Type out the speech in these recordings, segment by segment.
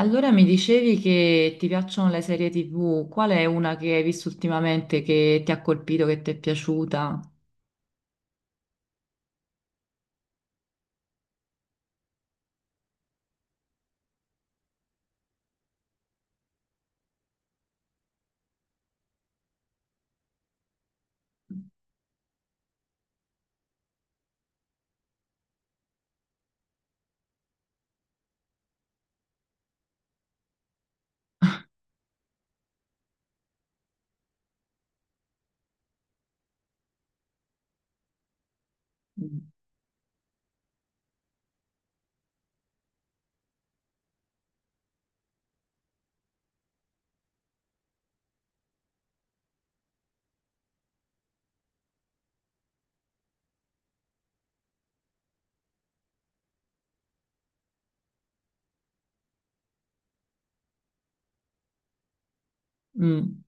Allora mi dicevi che ti piacciono le serie TV, qual è una che hai visto ultimamente che ti ha colpito, che ti è piaciuta? Mm.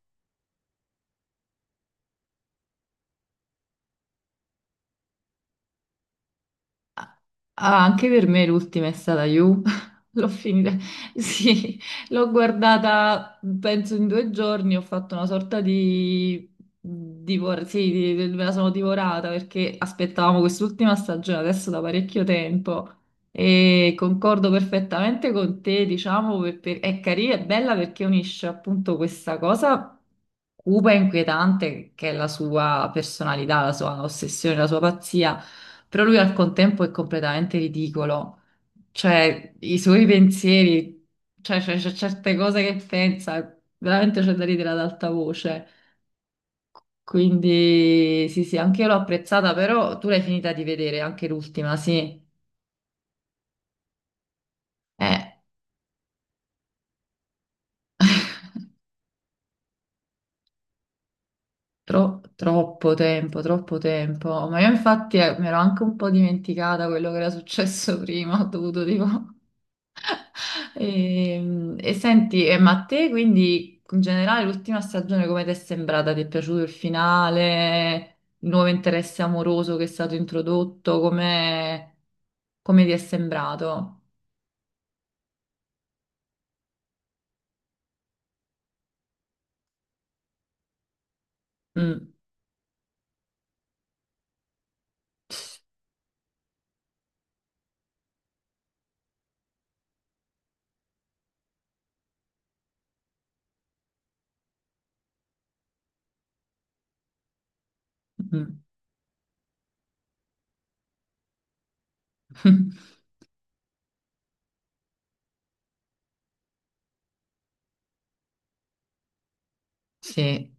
Ah, anche per me l'ultima è stata You. L'ho finita, sì, l'ho guardata penso in due giorni, ho fatto una sorta di, sì, me la sono divorata perché aspettavamo quest'ultima stagione adesso da parecchio tempo e concordo perfettamente con te, diciamo, è carina, è bella perché unisce appunto questa cosa cupa e inquietante che è la sua personalità, la sua ossessione, la sua pazzia, però lui al contempo è completamente ridicolo, cioè i suoi pensieri, cioè c'è certe cose che pensa, veramente c'è da ridere ad alta voce. Quindi sì, sì, anche io l'ho apprezzata, però tu l'hai finita di vedere, anche l'ultima, sì. Eh, troppo tempo, troppo tempo. Ma io infatti mi ero anche un po' dimenticata quello che era successo prima, ho dovuto tipo. E senti, ma a te quindi in generale l'ultima stagione come ti è sembrata? Ti è piaciuto il finale? Il nuovo interesse amoroso che è stato introdotto? Come, come ti è sembrato? Mm. Mm. Sì.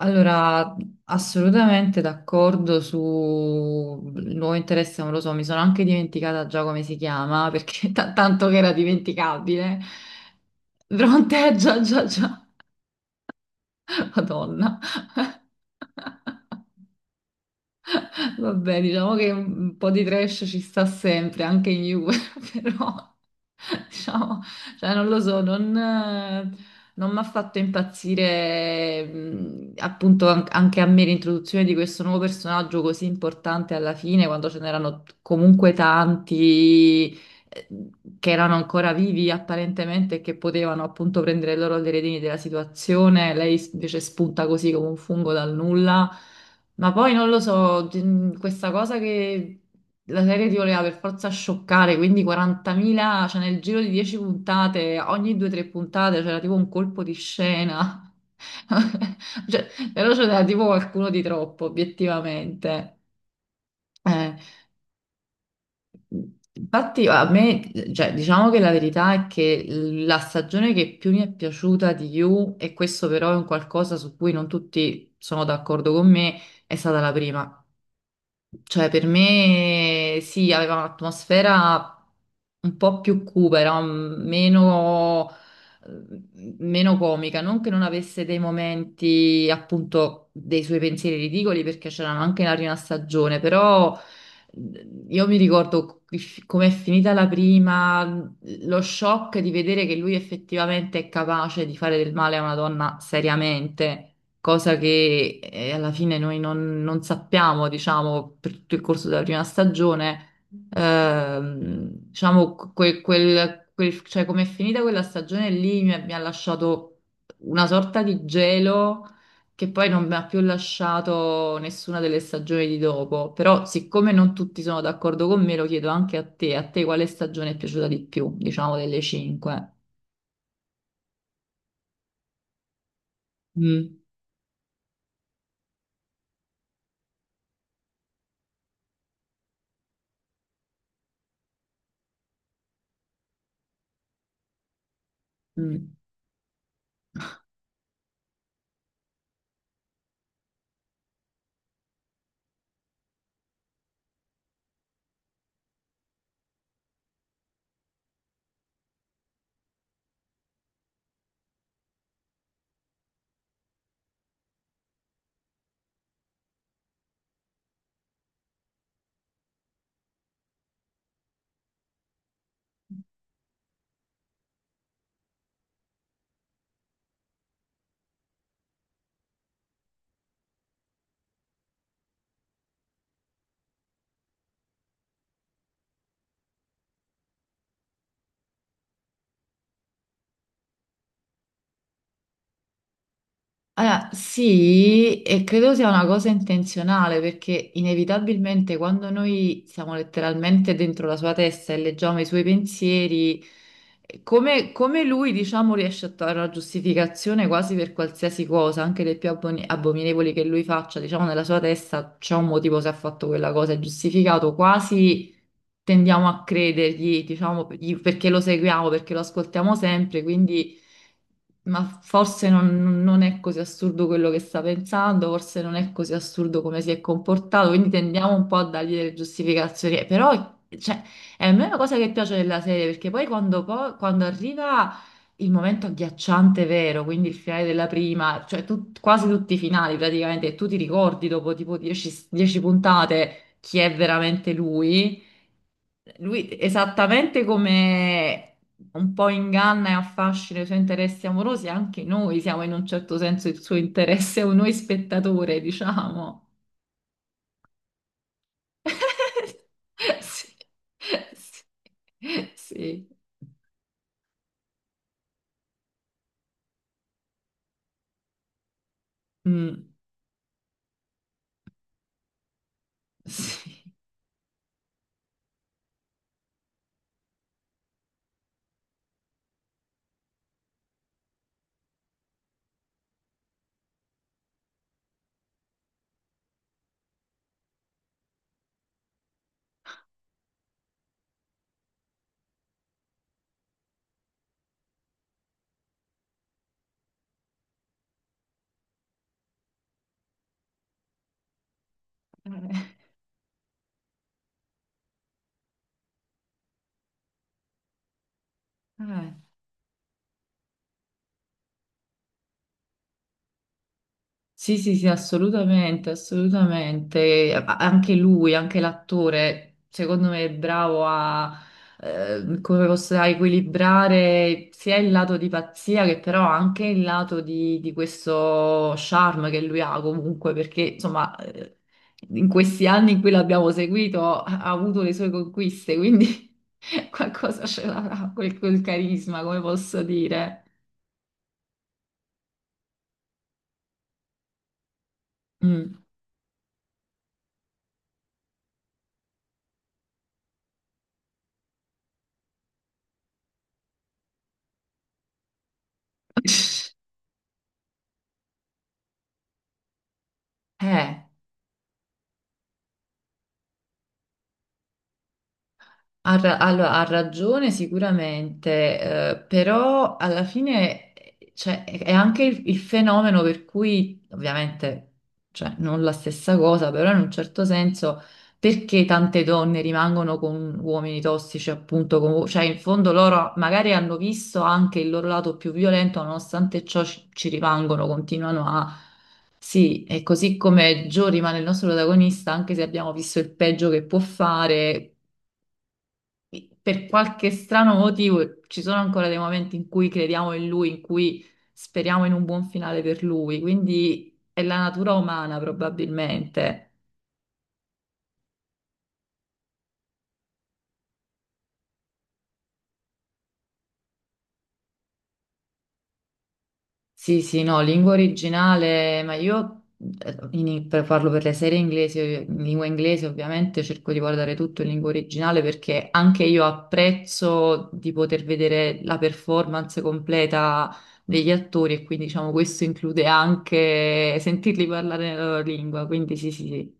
Allora, assolutamente d'accordo sul nuovo interesse amoroso. Mi sono anche dimenticata già come si chiama, perché tanto che era dimenticabile. Pronte, già, già, già. Madonna. Vabbè, diciamo che un po' di trash ci sta sempre, anche in Juve, però diciamo, cioè, non lo so, non, mi ha fatto impazzire appunto anche a me l'introduzione di questo nuovo personaggio così importante alla fine, quando ce n'erano comunque tanti eh, che erano ancora vivi apparentemente e che potevano appunto prendere loro le redini della situazione, lei invece spunta così come un fungo dal nulla. Ma poi non lo so, questa cosa che la serie ti voleva per forza scioccare, quindi 40.000, cioè nel giro di 10 puntate, ogni 2-3 puntate c'era tipo un colpo di scena. Cioè, però c'era tipo qualcuno di troppo, obiettivamente. Eh, infatti a me, cioè, diciamo che la verità è che la stagione che più mi è piaciuta di You, e questo però è un qualcosa su cui non tutti sono d'accordo con me, è stata la prima. Cioè, per me sì, aveva un'atmosfera un po' più cupa, era meno, meno comica. Non che non avesse dei momenti, appunto, dei suoi pensieri ridicoli, perché c'erano anche nella prima stagione, però io mi ricordo com'è finita la prima, lo shock di vedere che lui effettivamente è capace di fare del male a una donna seriamente, cosa che alla fine noi non, non sappiamo, diciamo, per tutto il corso della prima stagione, diciamo, cioè come è finita quella stagione lì mi ha lasciato una sorta di gelo che poi non mi ha più lasciato nessuna delle stagioni di dopo, però siccome non tutti sono d'accordo con me, lo chiedo anche a te quale stagione è piaciuta di più, diciamo, delle cinque? Mm. Mm. Allora, sì, e credo sia una cosa intenzionale perché inevitabilmente quando noi siamo letteralmente dentro la sua testa e leggiamo i suoi pensieri, come, come lui, diciamo, riesce a trovare una giustificazione quasi per qualsiasi cosa, anche le più abominevoli che lui faccia, diciamo, nella sua testa c'è un motivo se ha fatto quella cosa, è giustificato quasi, tendiamo a credergli, diciamo, gli- perché lo seguiamo, perché lo ascoltiamo sempre, quindi, ma forse non, non è così assurdo quello che sta pensando, forse non è così assurdo come si è comportato, quindi tendiamo un po' a dargli delle giustificazioni. Però, cioè, è a me una cosa che piace della serie, perché poi quando, quando arriva il momento agghiacciante vero, quindi il finale della prima, cioè tu- quasi tutti i finali praticamente, tu ti ricordi dopo tipo 10 puntate chi è veramente lui. Lui, esattamente come un po' inganna e affascina i suoi interessi amorosi, anche noi siamo in un certo senso il suo interesse, o noi spettatore, diciamo. Sì, sì, sì. Mm, sì. Eh, eh. Sì, sì, sì, assolutamente, assolutamente. Anche lui, anche l'attore, secondo me è bravo a, come posso dire, a equilibrare sia il lato di pazzia che però anche il lato di questo charme che lui ha comunque, perché insomma, in questi anni in cui l'abbiamo seguito ha avuto le sue conquiste, quindi qualcosa ce l'avrà, quel carisma, come posso dire. Mm. Eh. Allora, ha ragione sicuramente, però alla fine cioè, è anche il fenomeno per cui, ovviamente, cioè, non la stessa cosa, però in un certo senso, perché tante donne rimangono con uomini tossici, appunto, con- cioè in fondo loro magari hanno visto anche il loro lato più violento, nonostante ciò ci rimangono, continuano a. Sì, e così come Joe rimane il nostro protagonista, anche se abbiamo visto il peggio che può fare, per qualche strano motivo ci sono ancora dei momenti in cui crediamo in lui, in cui speriamo in un buon finale per lui, quindi è la natura umana probabilmente. Sì, sì, no, lingua originale, ma io per farlo per le serie inglesi, in lingua inglese ovviamente cerco di guardare tutto in lingua originale perché anche io apprezzo di poter vedere la performance completa degli attori e quindi diciamo questo include anche sentirli parlare nella loro lingua, quindi sì, sì, sì.